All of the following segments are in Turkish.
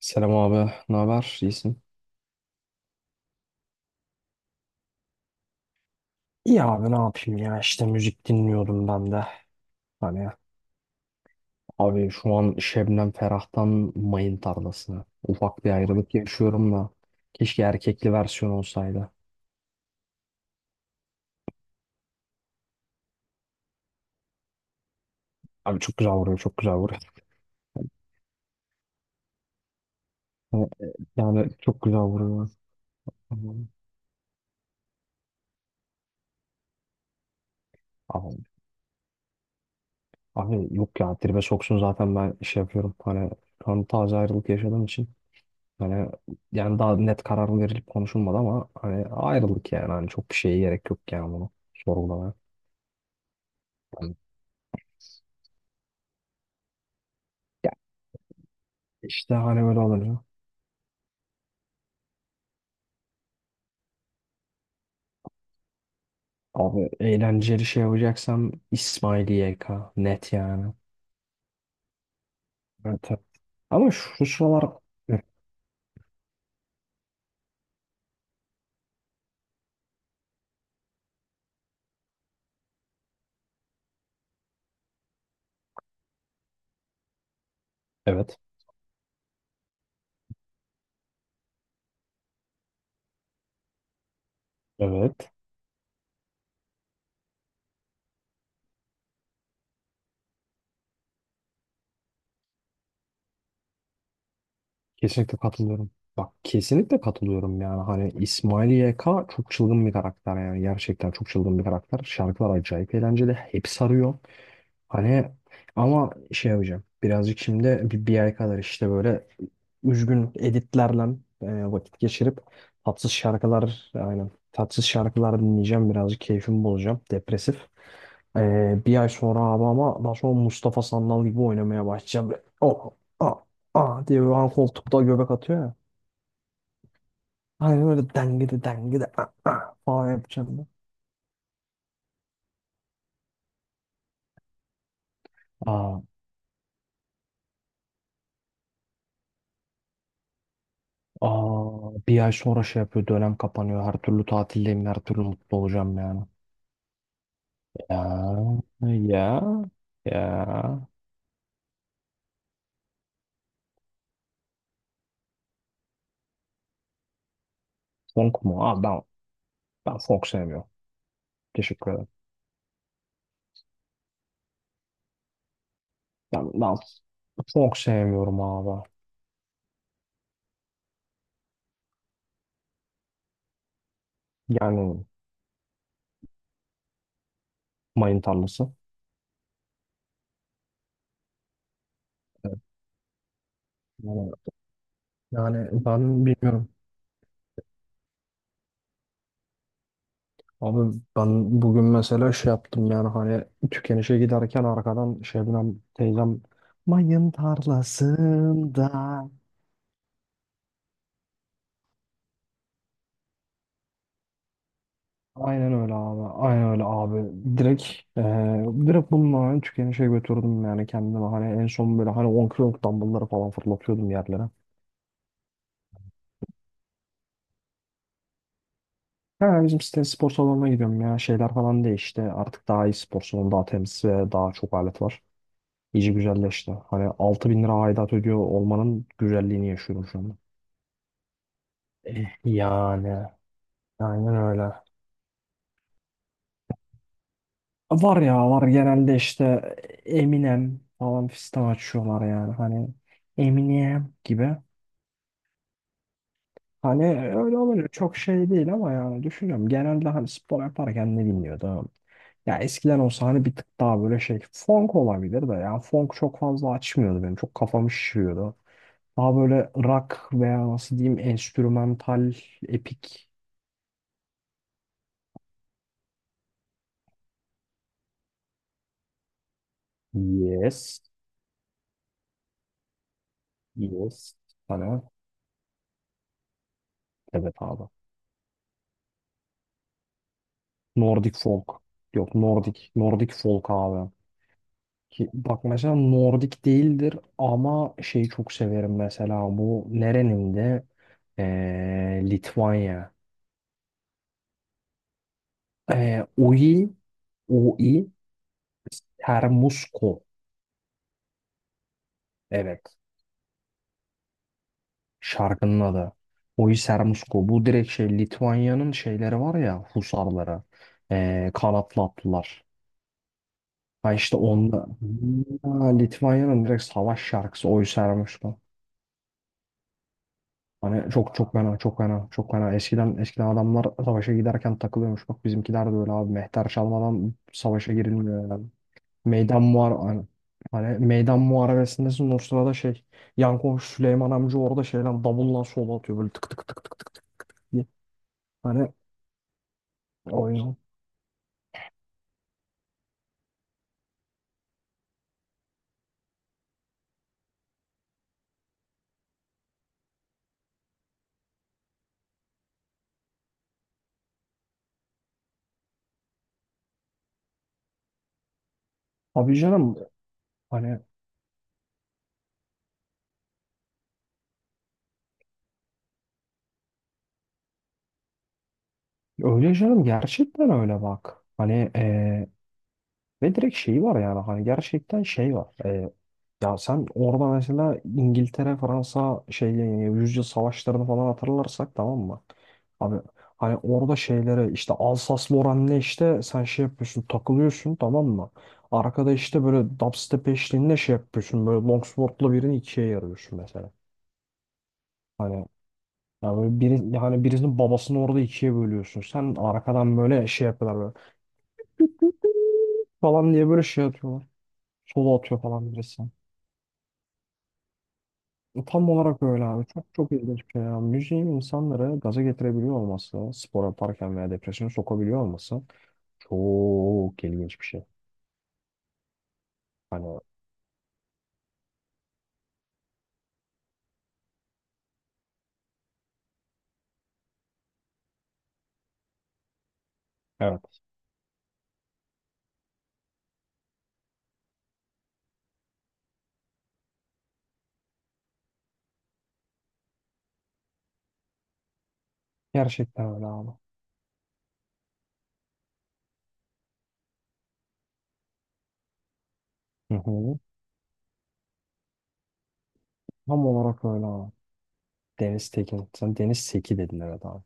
Selam abi, ne haber? İyisin? İyi abi ne yapayım ya işte müzik dinliyordum ben de. Hani abi şu an Şebnem Ferah'tan Mayın Tarlası'na. Ufak bir ayrılık yaşıyorum da. Keşke erkekli versiyon olsaydı. Abi çok güzel vuruyor çok güzel vuruyor. Yani yani çok güzel vuruyor. Abi, abi, yok ya tribe soksun zaten ben şey yapıyorum. Hani şu an taze ayrılık yaşadığım için. Hani yani daha net karar verilip konuşulmadı ama hani ayrılık yani. Hani çok bir şeye gerek yok yani bunu sorgulamaya. Ya işte hani böyle olur ya. Abi eğlenceli şey yapacaksam İsmail YK net yani. Evet. Ama şu sıralar hı, evet, evet, kesinlikle katılıyorum. Bak kesinlikle katılıyorum yani hani İsmail YK çok çılgın bir karakter yani gerçekten çok çılgın bir karakter. Şarkılar acayip eğlenceli. Hep sarıyor. Hani ama şey yapacağım. Birazcık şimdi bir ay kadar işte böyle üzgün editlerle vakit geçirip tatsız şarkılar aynen tatsız şarkılar dinleyeceğim. Birazcık keyfimi bozacağım. Depresif. E, bir ay sonra abi ama daha sonra Mustafa Sandal gibi oynamaya başlayacağım. Böyle, oh, ah, ah diye böyle hani koltukta göbek atıyor ya. Aynen öyle dengede dengede ah, ah falan yapacağım ben. Aa, bir ay sonra şey yapıyor dönem kapanıyor her türlü tatildeyim her türlü mutlu olacağım yani. Ya ya ya funk mu? Abi ben funk sevmiyorum. Teşekkür ederim. Ben funk sevmiyorum abi. Yani mayın tarlası. Evet, Yani, yani ben bilmiyorum. Abi ben bugün mesela şey yaptım yani hani tükenişe giderken arkadan Şebnem teyzem mayın tarlasında aynen öyle abi. Aynen öyle abi. Direkt direkt bununla ben tükenişe götürdüm yani kendimi. Hani en son böyle hani 10 kiloluk dumbbellları falan fırlatıyordum yerlere. Ha, bizim site spor salonuna gidiyorum ya. Şeyler falan değişti. Artık daha iyi spor salonu, daha temiz ve daha çok alet var. İyice güzelleşti. Hani 6.000 lira aidat ödüyor olmanın güzelliğini yaşıyorum şu anda. Yani aynen öyle. Var ya var genelde işte Eminem falan fistan açıyorlar yani. Hani Eminem gibi. Hani öyle olunca çok şey değil ama yani düşünüyorum. Genelde hani spor yaparken ne dinliyordum? Ya eskiden olsa hani bir tık daha böyle şey funk olabilir de yani funk çok fazla açmıyordu benim. Çok kafamı şişiriyordu. Daha böyle rock veya nasıl diyeyim enstrümantal epik. Yes. Yes. Hani evet abi. Nordic folk. Yok Nordic. Nordic folk abi. Ki bak mesela Nordik değildir ama şeyi çok severim mesela bu nerenin de Litvanya. Oi, Oi Sermusko. Evet şarkının adı. Oi Sermusko. Bu direkt şey Litvanya'nın şeyleri var ya husarları. Kanatlı atlılar. Ha işte onda ha, Litvanya'nın direkt savaş şarkısı Oi Sermusko. Hani çok çok fena çok fena çok fena. Eskiden eskiden adamlar savaşa giderken takılıyormuş. Bak bizimkiler de öyle abi. Mehter çalmadan savaşa girilmiyor yani. Meydan muhar hani, hani meydan muharebesindesin o sırada şey yan komşu Süleyman amca orada şeyden davulla sola atıyor böyle tık tık tık tık tık tık diye. Hani o abi canım hani öyle canım gerçekten öyle bak. Hani ve direkt şeyi var yani hani gerçekten şey var. Ya sen orada mesela İngiltere, Fransa şeyle yüzyıl savaşlarını falan hatırlarsak tamam mı? Abi hani orada şeylere işte Alsas-Lorraine'le işte sen şey yapıyorsun takılıyorsun tamam mı? Arkada işte böyle dubstep eşliğinde şey yapıyorsun böyle longsword'la birini ikiye yarıyorsun mesela. Hani ya böyle biri, hani birisinin babasını orada ikiye bölüyorsun. Sen arkadan böyle şey yapıyorlar böyle falan diye böyle şey atıyorlar. Solo atıyor falan birisi. Tam olarak öyle abi. Çok çok ilginç bir şey ya. Müziğin insanları gaza getirebiliyor olması, spor yaparken veya depresyona sokabiliyor olması çok ilginç bir şey. Hani evet. Gerçekten öyle abi. Hı hı. Tam olarak öyle abi. Deniz Tekin. Sen Deniz Seki dedin evet abi.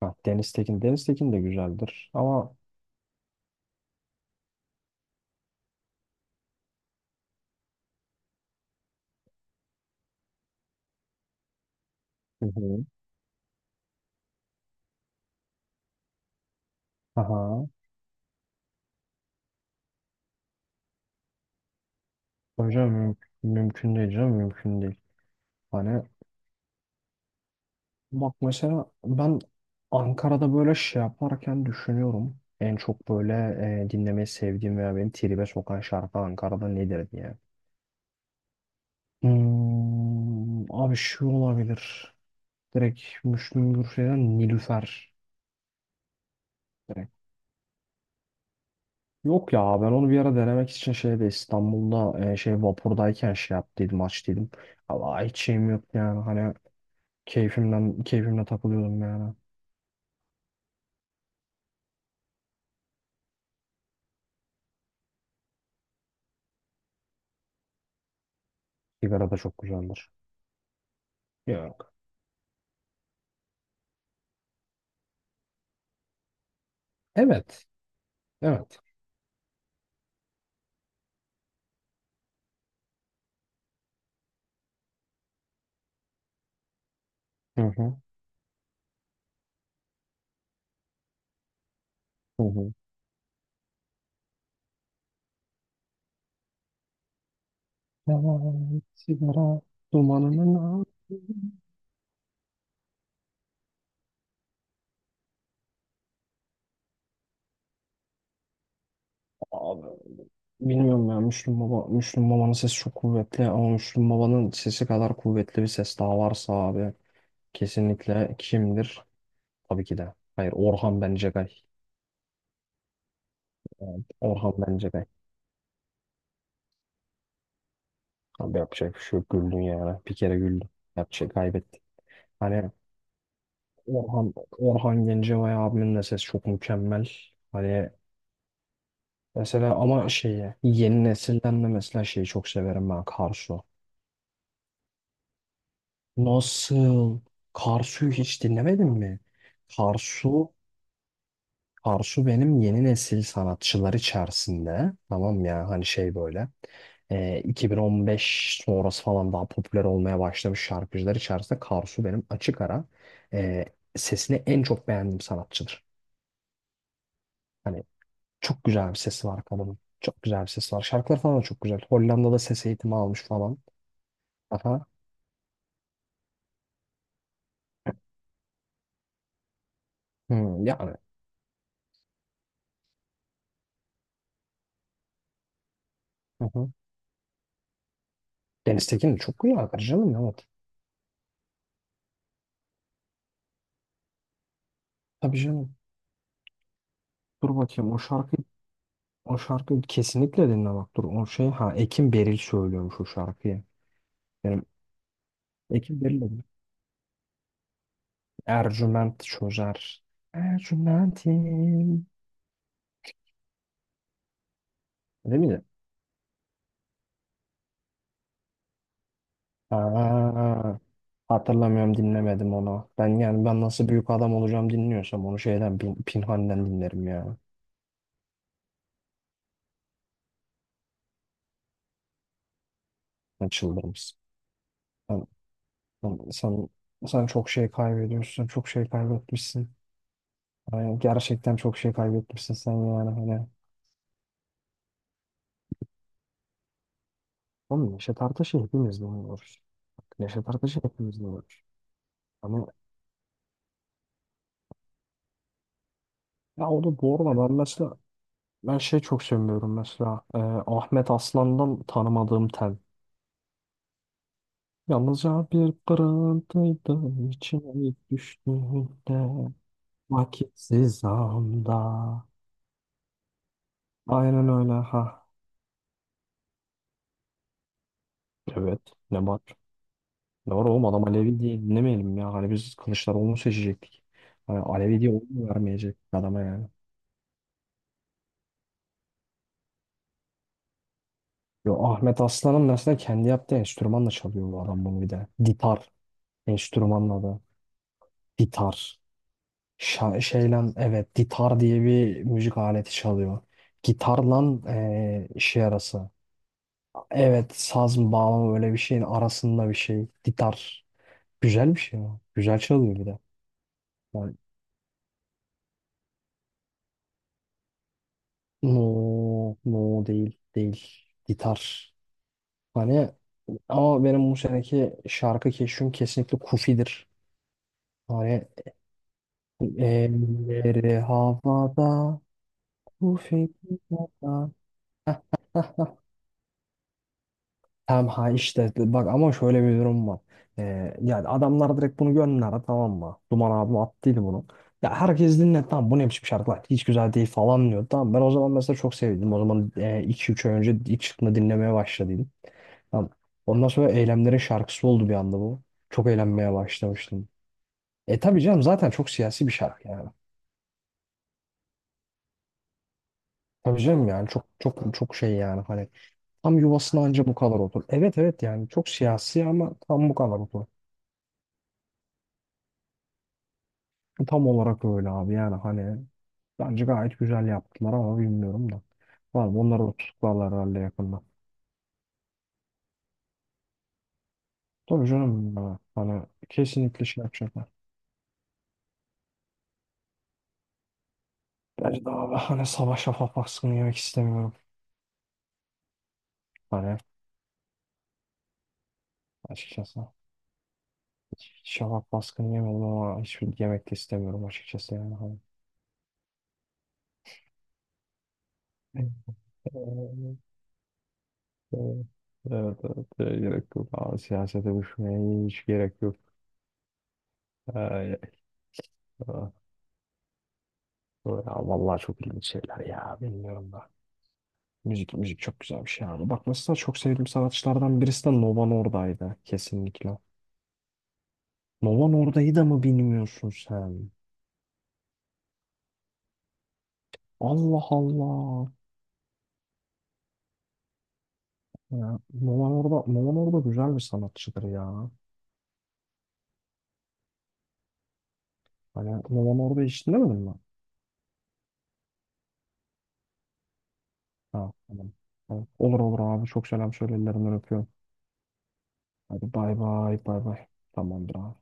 Ha, Deniz Tekin. Deniz Tekin de güzeldir. Ama hı hı. Aha. Hocam mümkün değil canım. Mümkün değil. Hani bak mesela ben Ankara'da böyle şey yaparken düşünüyorum. En çok böyle dinlemeyi sevdiğim veya beni tribe sokan şarkı Ankara'da nedir diye. Hmm, abi şu olabilir. Direkt Müslüm Gürses'ten Nilüfer. Direkt. Yok ya ben onu bir ara denemek için şeyde İstanbul'da şey vapurdayken şey yaptıydım açtıydım. Ama hiç şeyim yok yani hani keyfimden keyfimle takılıyordum yani. Sigara da çok güzeldir. Yok. Evet. Evet. Hı hı. Hı hı. Yalan sigara dumanının altı. Abi, bilmiyorum ya Müslüm Baba Müslüm Baba'nın sesi çok kuvvetli ama Müslüm Baba'nın sesi kadar kuvvetli bir ses daha varsa abi kesinlikle kimdir? Tabii ki de. Hayır Orhan Bencegay. Yani Orhan Bencegay. Abi yapacak bir şey yok güldün yani. Bir kere güldün. Yapacak kaybettik. Hani Orhan Gencebay abimin de sesi çok mükemmel. Hani mesela ama şeyi yeni nesilden de mesela şeyi çok severim ben Karsu. Nasıl? Karsu'yu hiç dinlemedin mi? Karsu, Karsu benim yeni nesil sanatçılar içerisinde. Tamam ya hani şey böyle. 2015 sonrası falan daha popüler olmaya başlamış şarkıcılar içerisinde Karsu benim açık ara e, sesini en çok beğendiğim sanatçıdır. Hani çok güzel bir sesi var kadının. Çok güzel bir sesi var. Şarkıları falan da çok güzel. Hollanda'da ses eğitimi almış falan. Aha. Hmm, yani. Hı hı. Deniz Tekin de çok güzel şarkıcı canım. Evet. Tabii canım. Dur bakayım o şarkıyı kesinlikle dinle bak dur o şey ha Ekim Beril söylüyormuş o şarkıyı. Benim Ekim Beril dedim. Ercüment çözer. Ercümentim. Değil miydi? Ha, hatırlamıyorum dinlemedim onu. Ben yani ben nasıl büyük adam olacağım dinliyorsam onu şeyden Pinhani'den dinlerim ya. Ben çıldırırım. Sen, sen, sen, sen çok şey kaybediyorsun. Çok şey kaybetmişsin. Yani gerçekten çok şey kaybetmişsin sen yani. Hani oğlum Neşet Ertaş'ı hepimiz dinliyoruz. Bak, Neşet Ertaş'ı hepimiz dinliyoruz. Hani ya o da bu arada ben mesela ben şey çok sevmiyorum mesela Ahmet Aslan'dan tanımadığım tel. Yalnızca bir pırıltıydı içine düştüğünde vakitsiz anda. Aynen öyle ha. Evet ne var? Ne var oğlum adam Alevi diye dinlemeyelim ya. Hani biz Kılıçdaroğlu'nu seçecektik. Hani Alevi diye oyunu vermeyecektik adama yani. Yo, Ahmet Aslan'ın mesela kendi yaptığı enstrümanla çalıyor bu adam bunu bir de. Ditar enstrümanla adı. Ditar. Şeyle evet ditar diye bir müzik aleti çalıyor. Gitarla şey arası. Evet saz mı bağlama öyle bir şeyin arasında bir şey. Ditar. Güzel bir şey ama. Güzel çalıyor bir de. Yani, no, no değil değil. Ditar. Hani ama benim bu seneki şarkı keşfim kesinlikle Kufi'dir. Hani elleri havada, bu fikrada. Tamam ha işte bak ama şöyle bir durum var. Yani adamlar direkt bunu gönderdi tamam mı? Duman abim attıydı bunu. Ya herkes dinle tamam bu ne biçim şarkı hiç güzel değil falan diyor. Tamam ben o zaman mesela çok sevdim. O zaman 2-3 ay önce ilk çıktığında dinlemeye başladıydım. Tamam. Ondan sonra Eylemlerin şarkısı oldu bir anda bu. Çok eğlenmeye başlamıştım. E tabii canım zaten çok siyasi bir şarkı yani. Tabii canım yani çok çok çok şey yani hani tam yuvasına anca bu kadar otur. Evet evet yani çok siyasi ama tam bu kadar otur. Tam olarak öyle abi yani hani bence gayet güzel yaptılar ama bilmiyorum da. Var onları da tutuklarlar herhalde yakında. Tabii canım ya, hani kesinlikle şey yapacaklar. Bence de abi hani sabah şafak baskını yemek istemiyorum. Hani açıkçası hiç şafak baskını yemedim ama hiçbir yemek de istemiyorum açıkçası yani. Hani. Evet, evet, evet, evet, gerek yok. Abi, siyasete düşmeye hiç gerek yok. Ee, Ha, ya vallahi çok ilginç şeyler ya bilmiyorum da. Müzik müzik çok güzel bir şey abi. Bak mesela çok sevdiğim sanatçılardan birisi de Nova Norda'ydı kesinlikle. Nova Norda'yı da mı bilmiyorsun sen? Allah Allah. Ya, Nova Norda güzel bir sanatçıdır ya. Hani Nova Norda hiç dinlemedin mi? Ha, tamam. Tamam. Olur olur abi çok selam söyle ellerinden öpüyorum. Hadi bay bay bay bay. Tamamdır abi.